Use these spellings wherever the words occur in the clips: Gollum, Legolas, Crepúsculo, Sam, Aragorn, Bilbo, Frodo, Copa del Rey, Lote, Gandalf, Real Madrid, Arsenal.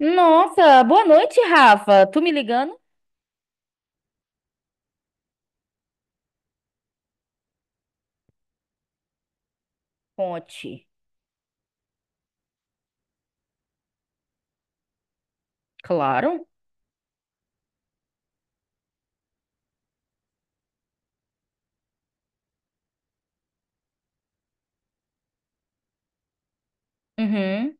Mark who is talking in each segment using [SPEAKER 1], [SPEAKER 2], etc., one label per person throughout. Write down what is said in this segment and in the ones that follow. [SPEAKER 1] Nossa, boa noite, Rafa. Tu me ligando? Conte. Claro. Uhum.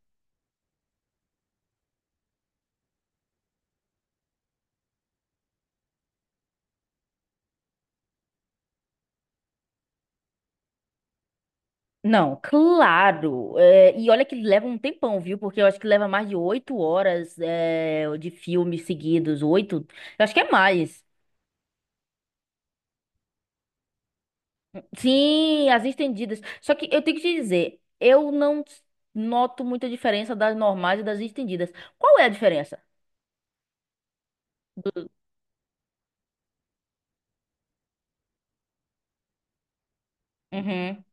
[SPEAKER 1] Não, claro. É, e olha que leva um tempão, viu? Porque eu acho que leva mais de 8 horas de filmes seguidos. Oito? Eu acho que é mais. Sim, as estendidas. Só que eu tenho que te dizer, eu não noto muita diferença das normais e das estendidas. Qual é a diferença? Do- Uhum,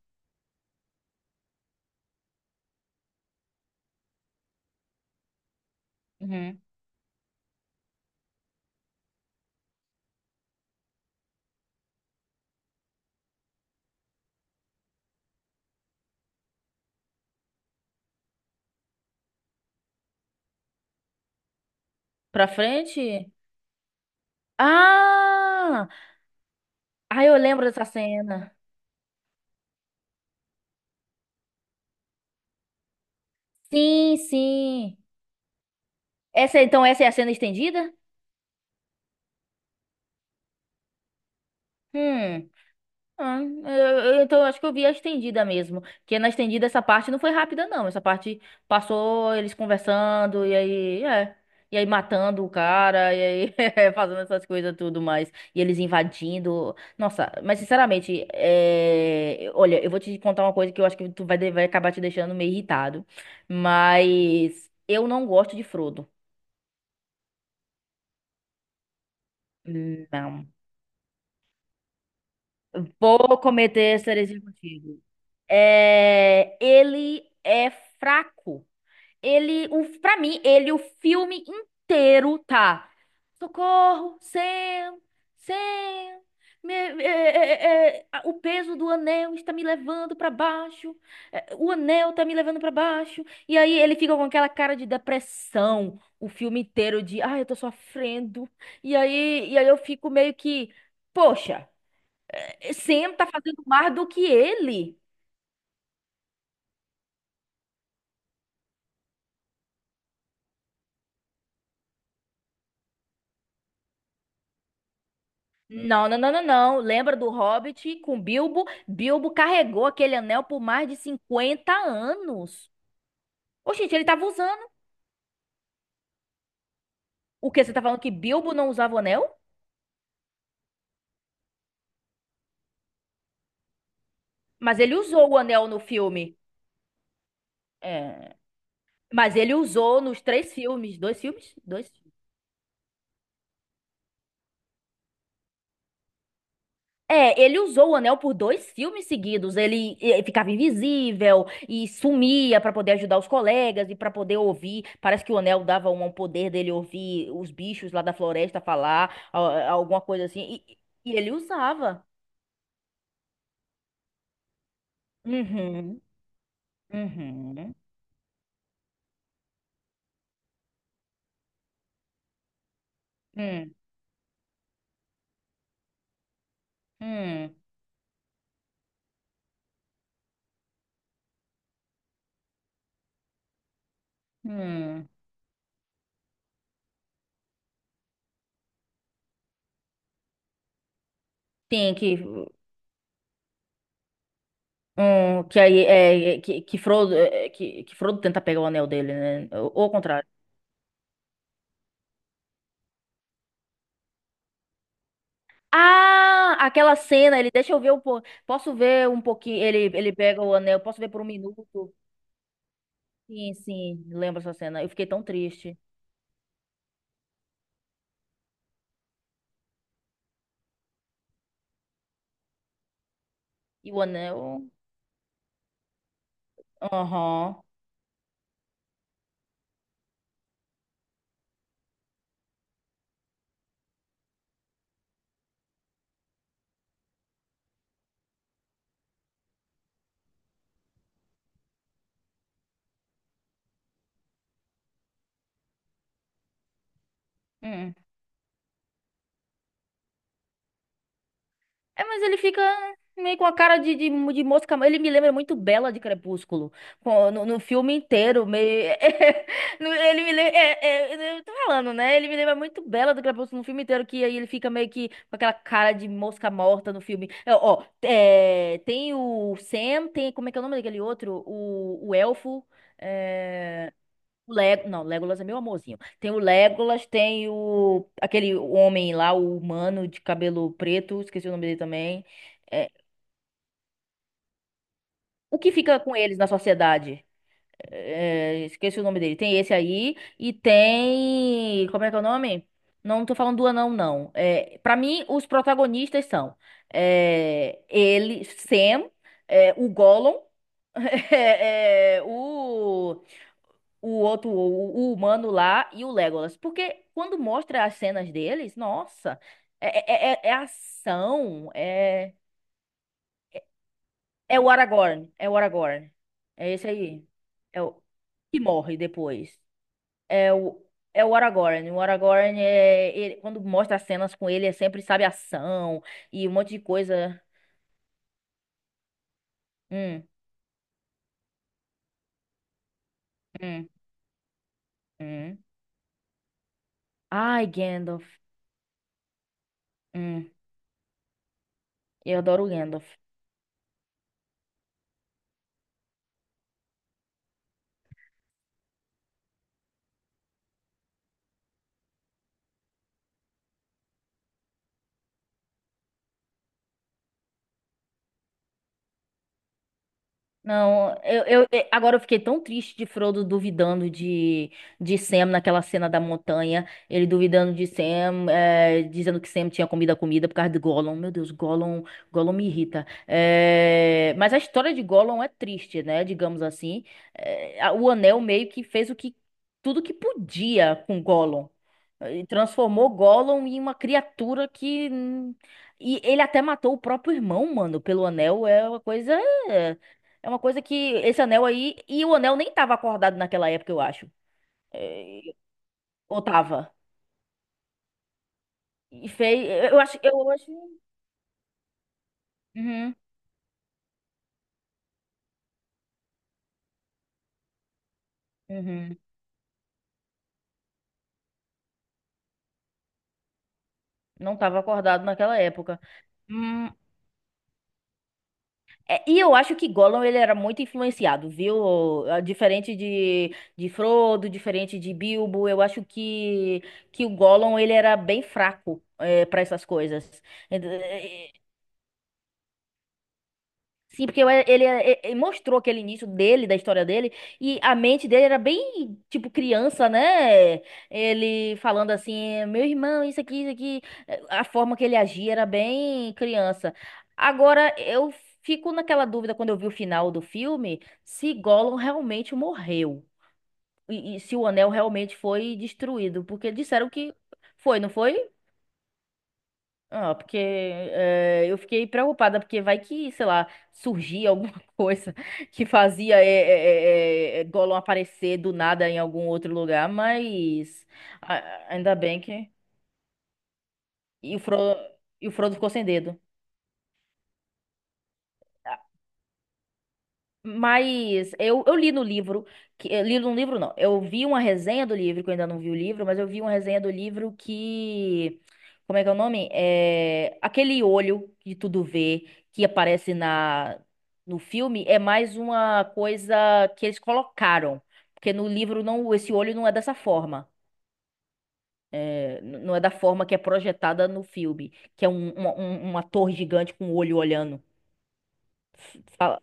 [SPEAKER 1] uhum. Pra frente? Ah! Ah, eu lembro dessa cena. Sim, sim. Então essa é a cena estendida? Hum. Ah, então acho que eu vi a estendida mesmo. Porque na estendida essa parte não foi rápida, não. Essa parte passou eles conversando e aí. E aí matando o cara, e aí fazendo essas coisas tudo mais. E eles invadindo. Nossa, mas sinceramente, olha, eu vou te contar uma coisa que eu acho que tu vai, vai acabar te deixando meio irritado. Mas eu não gosto de Frodo. Não. Vou cometer essa heresia contigo. É, ele é fraco. Pra mim, ele, o filme inteiro tá. Socorro, Sam, Sam. Me- é, é, é, é, a- o peso do anel está me levando pra baixo. O anel tá me levando pra baixo. E aí ele fica com aquela cara de depressão o filme inteiro de, ai, eu tô sofrendo. E aí, eu fico meio que, poxa. Sam tá fazendo mais do que ele. Não, não, não, não, não. Lembra do Hobbit com Bilbo? Bilbo carregou aquele anel por mais de 50 anos. Ô, gente, ele tava usando. O quê? Você tá falando que Bilbo não usava o anel? Mas ele usou o anel no filme. É. Mas ele usou nos três filmes. Dois filmes? Dois. É, ele usou o anel por dois filmes seguidos. Ele, ficava invisível e sumia pra poder ajudar os colegas e pra poder ouvir. Parece que o anel dava um poder dele ouvir os bichos lá da floresta falar, alguma coisa assim. E ele usava. Uhum, uhum, hum, hum, hum. Sim, que aí que Frodo, que Frodo tenta pegar o anel dele, né? Ou ao contrário. Ah, aquela cena, ele deixa eu ver um pouco. Posso ver um pouquinho? Ele pega o anel, posso ver por 1 minuto? Sim, sim, lembro essa cena. Eu fiquei tão triste. E o anel? Aham. Hum. É, mas ele fica meio com a cara de mosca. Ele me lembra muito Bela de Crepúsculo. No filme inteiro, meio. Ele me lembra. Eu tô falando, né? Ele me lembra muito Bela do Crepúsculo no filme inteiro, que aí ele fica meio que com aquela cara de mosca morta no filme. Ó, tem o Sam, tem. Como é que é o nome daquele outro? O Elfo. é, Não, Legolas é meu amorzinho. Tem o Legolas, aquele homem lá, o humano de cabelo preto. Esqueci o nome dele também. É, O que fica com eles na sociedade? Esqueci o nome dele. Tem esse aí e tem... Como é que é o nome? Não, não tô falando do anão, não. Pra mim, os protagonistas são... Ele, Sam, o Gollum, é, é, o... o outro, o humano lá e o Legolas. Porque quando mostra as cenas deles, nossa, é ação, é o Aragorn, é o Aragorn. É esse aí. É o que morre depois. É o É o Aragorn. O Aragorn, quando mostra as cenas com ele, é sempre, sabe, ação e um monte de coisa. Hum, hum, hum. Ai, Gandalf. Hum, eu adoro o Gandalf. Não, agora eu fiquei tão triste de Frodo duvidando de Sam naquela cena da montanha. Ele duvidando de Sam, dizendo que Sam tinha comido a comida por causa de Gollum. Meu Deus, Gollum, Gollum me irrita. Mas a história de Gollum é triste, né? Digamos assim. O Anel meio que fez o que tudo que podia com Gollum. Transformou Gollum em uma criatura que. E ele até matou o próprio irmão, mano, pelo anel. É uma coisa. é, é uma coisa que esse anel aí. E o anel nem tava acordado naquela época, eu acho. É, ou tava. E fez. Eu acho. Eu acho. Uhum, uhum. Não tava acordado naquela época. Hum, e eu acho que Gollum ele era muito influenciado, viu? Ah, diferente de Frodo, diferente de Bilbo, eu acho que o Gollum ele era bem fraco para essas coisas. Sim, porque ele, mostrou aquele início dele, da história dele, e a mente dele era bem, tipo, criança, né? Ele falando assim, meu irmão, isso aqui, isso aqui. A forma que ele agia era bem criança. Agora, eu fico naquela dúvida quando eu vi o final do filme, se Gollum realmente morreu. E se o anel realmente foi destruído. Porque disseram que foi, não foi? Ah, porque eu fiquei preocupada, porque vai que, sei lá, surgia alguma coisa que fazia Gollum aparecer do nada em algum outro lugar, mas ainda bem que. E o Frodo, e o Frodo ficou sem dedo. Mas eu li no livro, que, eu li no livro não, eu vi uma resenha do livro, que eu ainda não vi o livro, mas eu vi uma resenha do livro que, como é que é o nome? É, aquele olho que tudo vê, que aparece no filme, é mais uma coisa que eles colocaram, porque no livro não, esse olho não é dessa forma. Não é da forma que é projetada no filme, que é uma torre gigante com o olho olhando. Fala-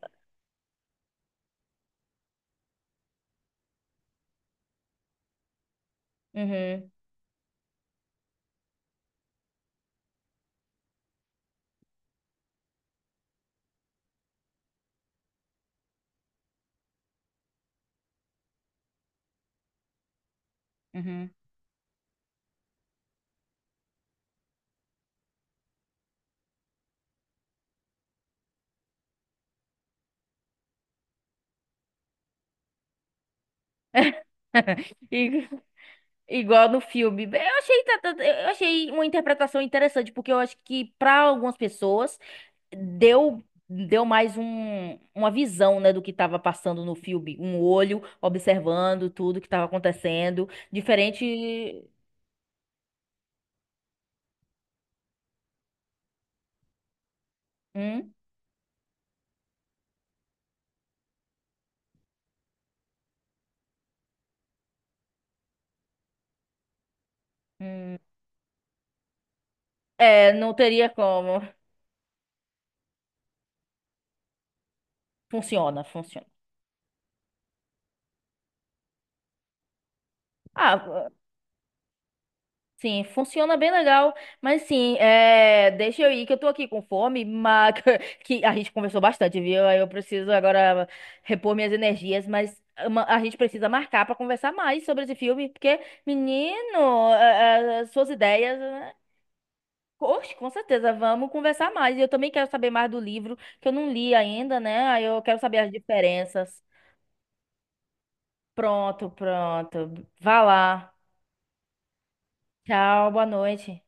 [SPEAKER 1] Uhum, uhum. E igual no filme. Eu achei, uma interpretação interessante, porque eu acho que para algumas pessoas deu mais um, uma visão, né, do que estava passando no filme, um olho observando tudo que estava acontecendo, diferente. Hum? Hum. É, não teria como. Funciona, funciona. Ah, sim, funciona bem legal, mas sim, deixa eu ir que eu tô aqui com fome, mas que a gente conversou bastante, viu? Aí eu preciso agora repor minhas energias, mas a gente precisa marcar pra conversar mais sobre esse filme, porque, menino, suas ideias, né? Oxe, com certeza, vamos conversar mais. E eu também quero saber mais do livro, que eu não li ainda, né? Aí eu quero saber as diferenças. Pronto, pronto. Vá lá. Tchau, boa noite.